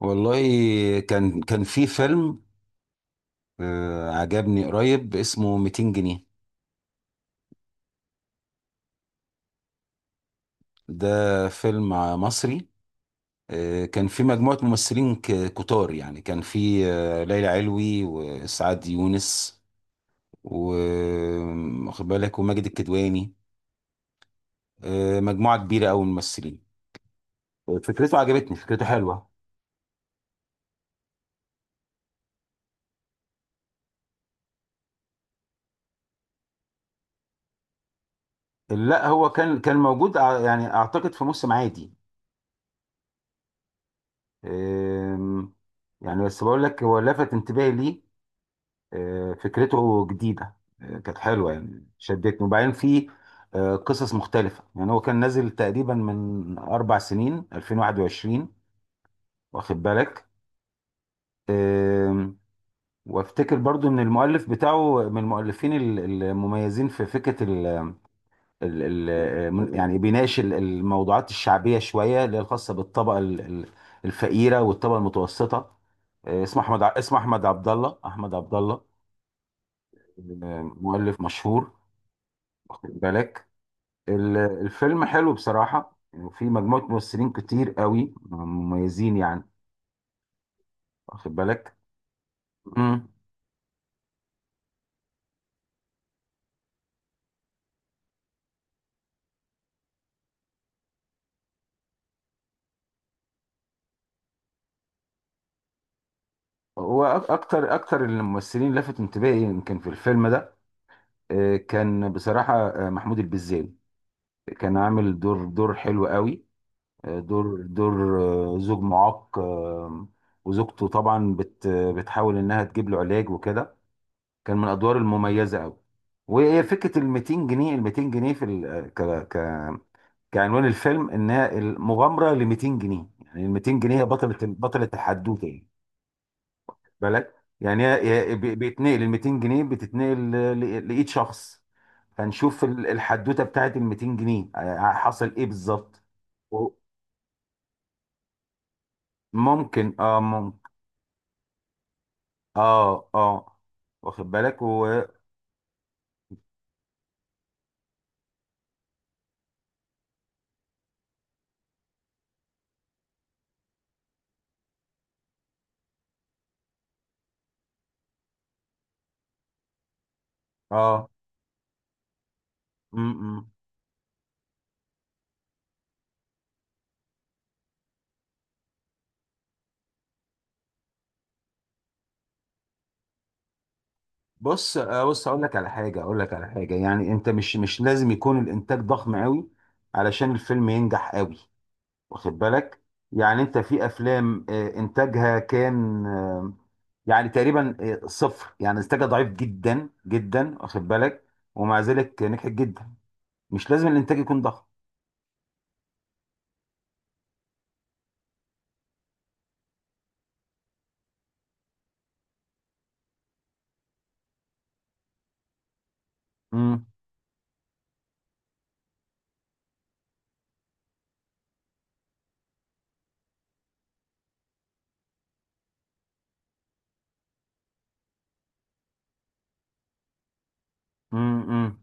والله كان في فيلم عجبني قريب، اسمه 200 جنيه. ده فيلم مصري. كان في مجموعة ممثلين كتار، يعني كان في ليلى علوي وسعاد يونس، واخد بالك، وماجد الكدواني. مجموعة كبيرة أوي من الممثلين. فكرته عجبتني، فكرته حلوة. لا، هو كان موجود يعني أعتقد في موسم عادي. آم، يعني بس بقول لك هو لفت انتباهي ليه. فكرته جديدة، كانت حلوة يعني شدتني. وبعدين في قصص مختلفة. يعني هو كان نازل تقريبا من أربع سنين 2021، واخد بالك. آم، وافتكر برضو ان المؤلف بتاعه من المؤلفين المميزين في فكرة ال يعني بيناقش الموضوعات الشعبية شوية، اللي هي الخاصة بالطبقة الفقيرة والطبقة المتوسطة. اسمه احمد اسمه احمد عبد الله، احمد عبد الله، مؤلف مشهور، واخد بالك. الفيلم حلو بصراحة، وفي مجموعة ممثلين كتير قوي مميزين يعني، واخد بالك. امم، هو اكتر الممثلين اللي لفت انتباهي يمكن في الفيلم ده، كان بصراحة محمود البزاوي. كان عامل دور حلو قوي، دور زوج معاق، وزوجته طبعا بتحاول انها تجيب له علاج وكده. كان من الادوار المميزة قوي. وفكره ال 200 جنيه، ال 200 جنيه في آه، ك كعنوان الفيلم، انها المغامره ل 200 جنيه. يعني ال 200 جنيه هي بطله الحدوته، يعني بالك. يعني بيتنقل ال 200 جنيه، بتتنقل لايد شخص، فنشوف الحدوته بتاعت ال 200 جنيه حصل ايه بالظبط. و- ممكن، اه ممكن، اه اه، واخد بالك و اه م -م. بص، بص اقول لك على حاجه، اقول لك على حاجه، يعني انت مش لازم يكون الانتاج ضخم قوي علشان الفيلم ينجح قوي، واخد بالك. يعني انت في افلام انتاجها كان يعني تقريبا صفر، يعني انتاجها ضعيف جدا جدا، واخد بالك. ومع ذلك نجحت جدا، مش لازم الانتاج يكون ضخم. امم، امم،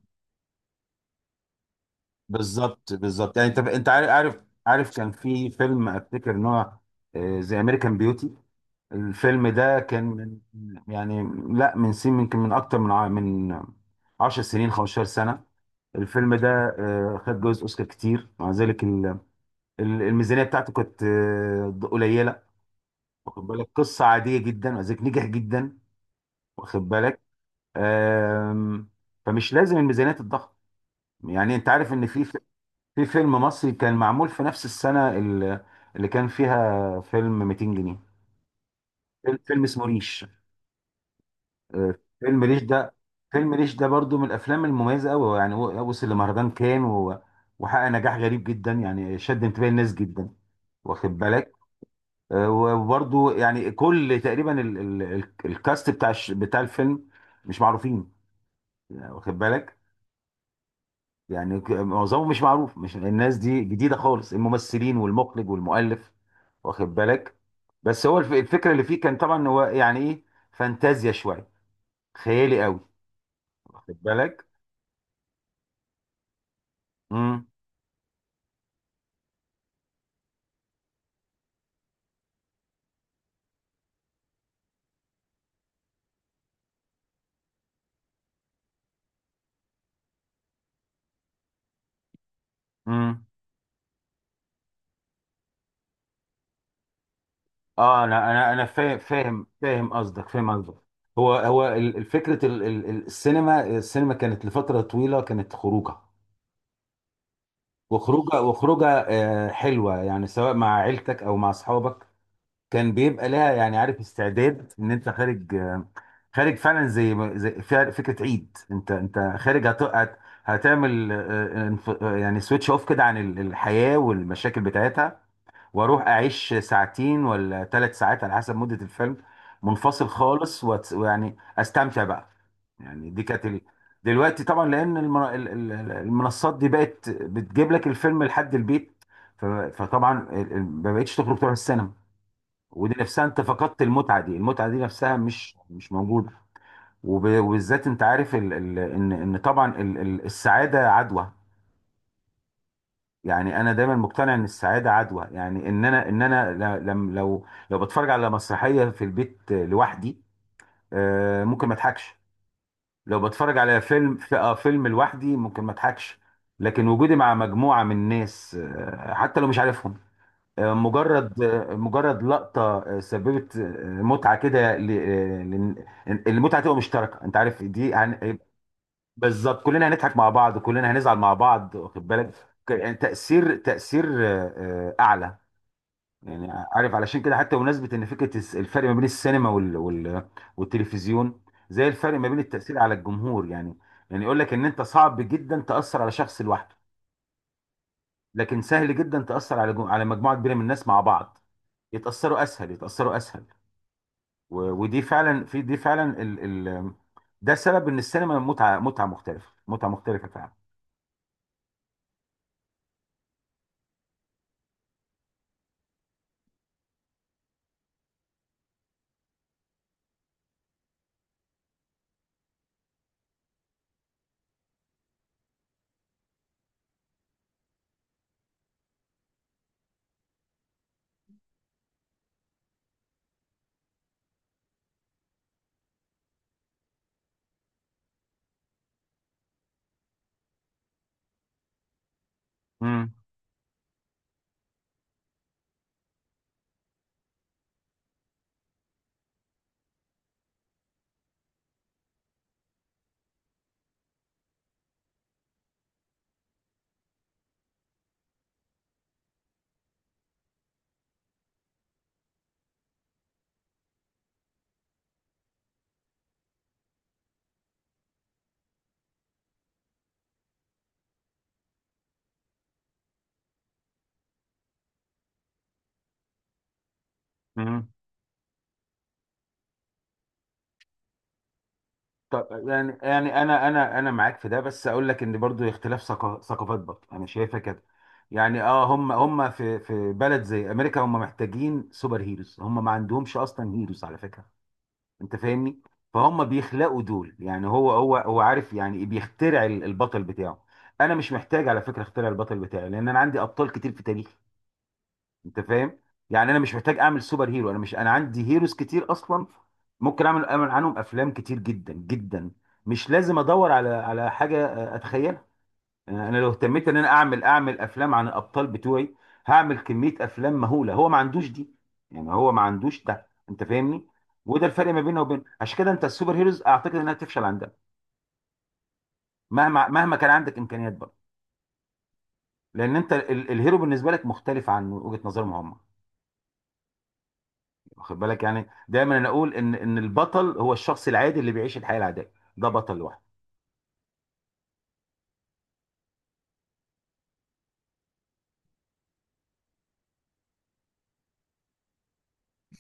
بالظبط بالظبط، يعني انت عارف كان في فيلم افتكر ان هو زي امريكان بيوتي. الفيلم ده كان من، يعني، لا من سن يمكن من اكتر من من 10 سنين، 15 سنه، الفيلم ده. خد جوائز اوسكار كتير. مع ذلك الميزانيه بتاعته كانت قليله، واخد بالك، قصه عاديه جدا، مع ذلك نجح جدا، واخد بالك. آم، فمش لازم الميزانيات الضخمه. يعني انت عارف ان في فيلم مصري كان معمول في نفس السنه اللي كان فيها فيلم 200 جنيه، فيلم اسمه ريش. فيلم ريش ده، فيلم ريش ده برضو من الافلام المميزه قوي. يعني بص، اللي مهرجان كان وحقق نجاح غريب جدا، يعني شد انتباه الناس جدا، واخد بالك. وبرضو يعني كل تقريبا الكاست بتاع بتاع الفيلم مش معروفين، يعني واخد بالك. يعني معظمهم مش معروف، مش الناس دي جديده خالص، الممثلين والمخرج والمؤلف، واخد بالك. بس هو الفكره اللي فيه كان طبعا، هو يعني ايه، فانتازيا شويه، خيالي قوي، واخد بالك. مم. امم. اه، انا فاهم قصدك، فاهم قصدك. هو فكره السينما كانت لفتره طويله كانت خروجه، وخروجه حلوه، يعني سواء مع عيلتك او مع اصحابك. كان بيبقى لها، يعني عارف، استعداد ان انت خارج، خارج فعلا، زي فكره عيد، انت خارج، هتعمل يعني سويتش اوف كده عن الحياه والمشاكل بتاعتها. واروح اعيش ساعتين ولا ثلاث ساعات على حسب مدة الفيلم، منفصل خالص، ويعني استمتع بقى. يعني دي كانت دلوقتي طبعا، لان المنصات دي بقت بتجيب لك الفيلم لحد البيت. فطبعا ما بقتش تخرج تروح السينما. ودي نفسها انت فقدت المتعة دي، المتعة دي نفسها مش موجودة. وبالذات انت عارف ان طبعا السعادة عدوى. يعني انا دايما مقتنع ان السعاده عدوى، يعني ان انا، ل- لم لو بتفرج على مسرحيه في البيت لوحدي، ممكن ما اضحكش. لو بتفرج على فيلم في فيلم لوحدي، ممكن ما اضحكش. لكن وجودي مع مجموعه من ناس، حتى لو مش عارفهم، مجرد مجرد لقطه سببت متعه كده، المتعه تبقى مشتركه، انت عارف دي. بالظبط، كلنا هنضحك مع بعض، كلنا هنزعل مع بعض، واخد بالك، يعني تأثير أعلى. يعني عارف علشان كده، حتى بمناسبة إن فكرة الفرق ما بين السينما والتلفزيون، زي الفرق ما بين التأثير على الجمهور يعني. يعني يقول لك إن أنت صعب جدا تأثر على شخص لوحده، لكن سهل جدا تأثر على على مجموعة كبيرة من الناس مع بعض، يتأثروا أسهل، يتأثروا أسهل. ودي فعلا، في دي فعلا ال... ال... ده سبب إن السينما متعة، متعة مختلفة، متعة مختلفة فعلا. امم. طب، يعني يعني انا معاك في ده، بس اقول لك ان برضو اختلاف ثقافات، برضو انا شايفها كده. يعني اه، هم في بلد زي امريكا، هم محتاجين سوبر هيروز، هم ما عندهمش اصلا هيروز على فكره، انت فاهمني. فهم بيخلقوا دول، يعني هو عارف، يعني بيخترع البطل بتاعه. انا مش محتاج على فكره اخترع البطل بتاعي، لان انا عندي ابطال كتير في تاريخي، انت فاهم. يعني انا مش محتاج اعمل سوبر هيرو، انا مش، انا عندي هيروز كتير اصلا. ممكن اعمل عنهم افلام كتير جدا جدا. مش لازم ادور على حاجه اتخيلها. انا لو اهتميت ان انا اعمل افلام عن الابطال بتوعي، هعمل كميه افلام مهوله. هو ما عندوش دي، يعني هو ما عندوش ده، انت فاهمني. وده الفرق ما بيننا وبين، عشان كده انت السوبر هيروز اعتقد انها تفشل عندها، مهما مهما كان عندك امكانيات برضه، لان انت الهيرو بالنسبه لك مختلف عن وجهه نظرهم هم، واخد بالك. يعني دايما انا اقول ان البطل هو الشخص العادي اللي بيعيش الحياه العاديه، ده بطل لوحده.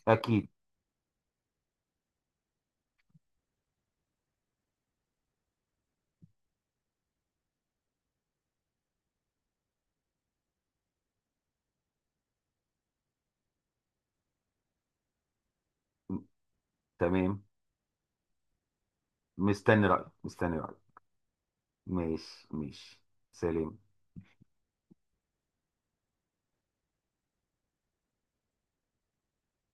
اكيد. تمام. مستني رايك، مستني رايك. ماشي ماشي. سلام.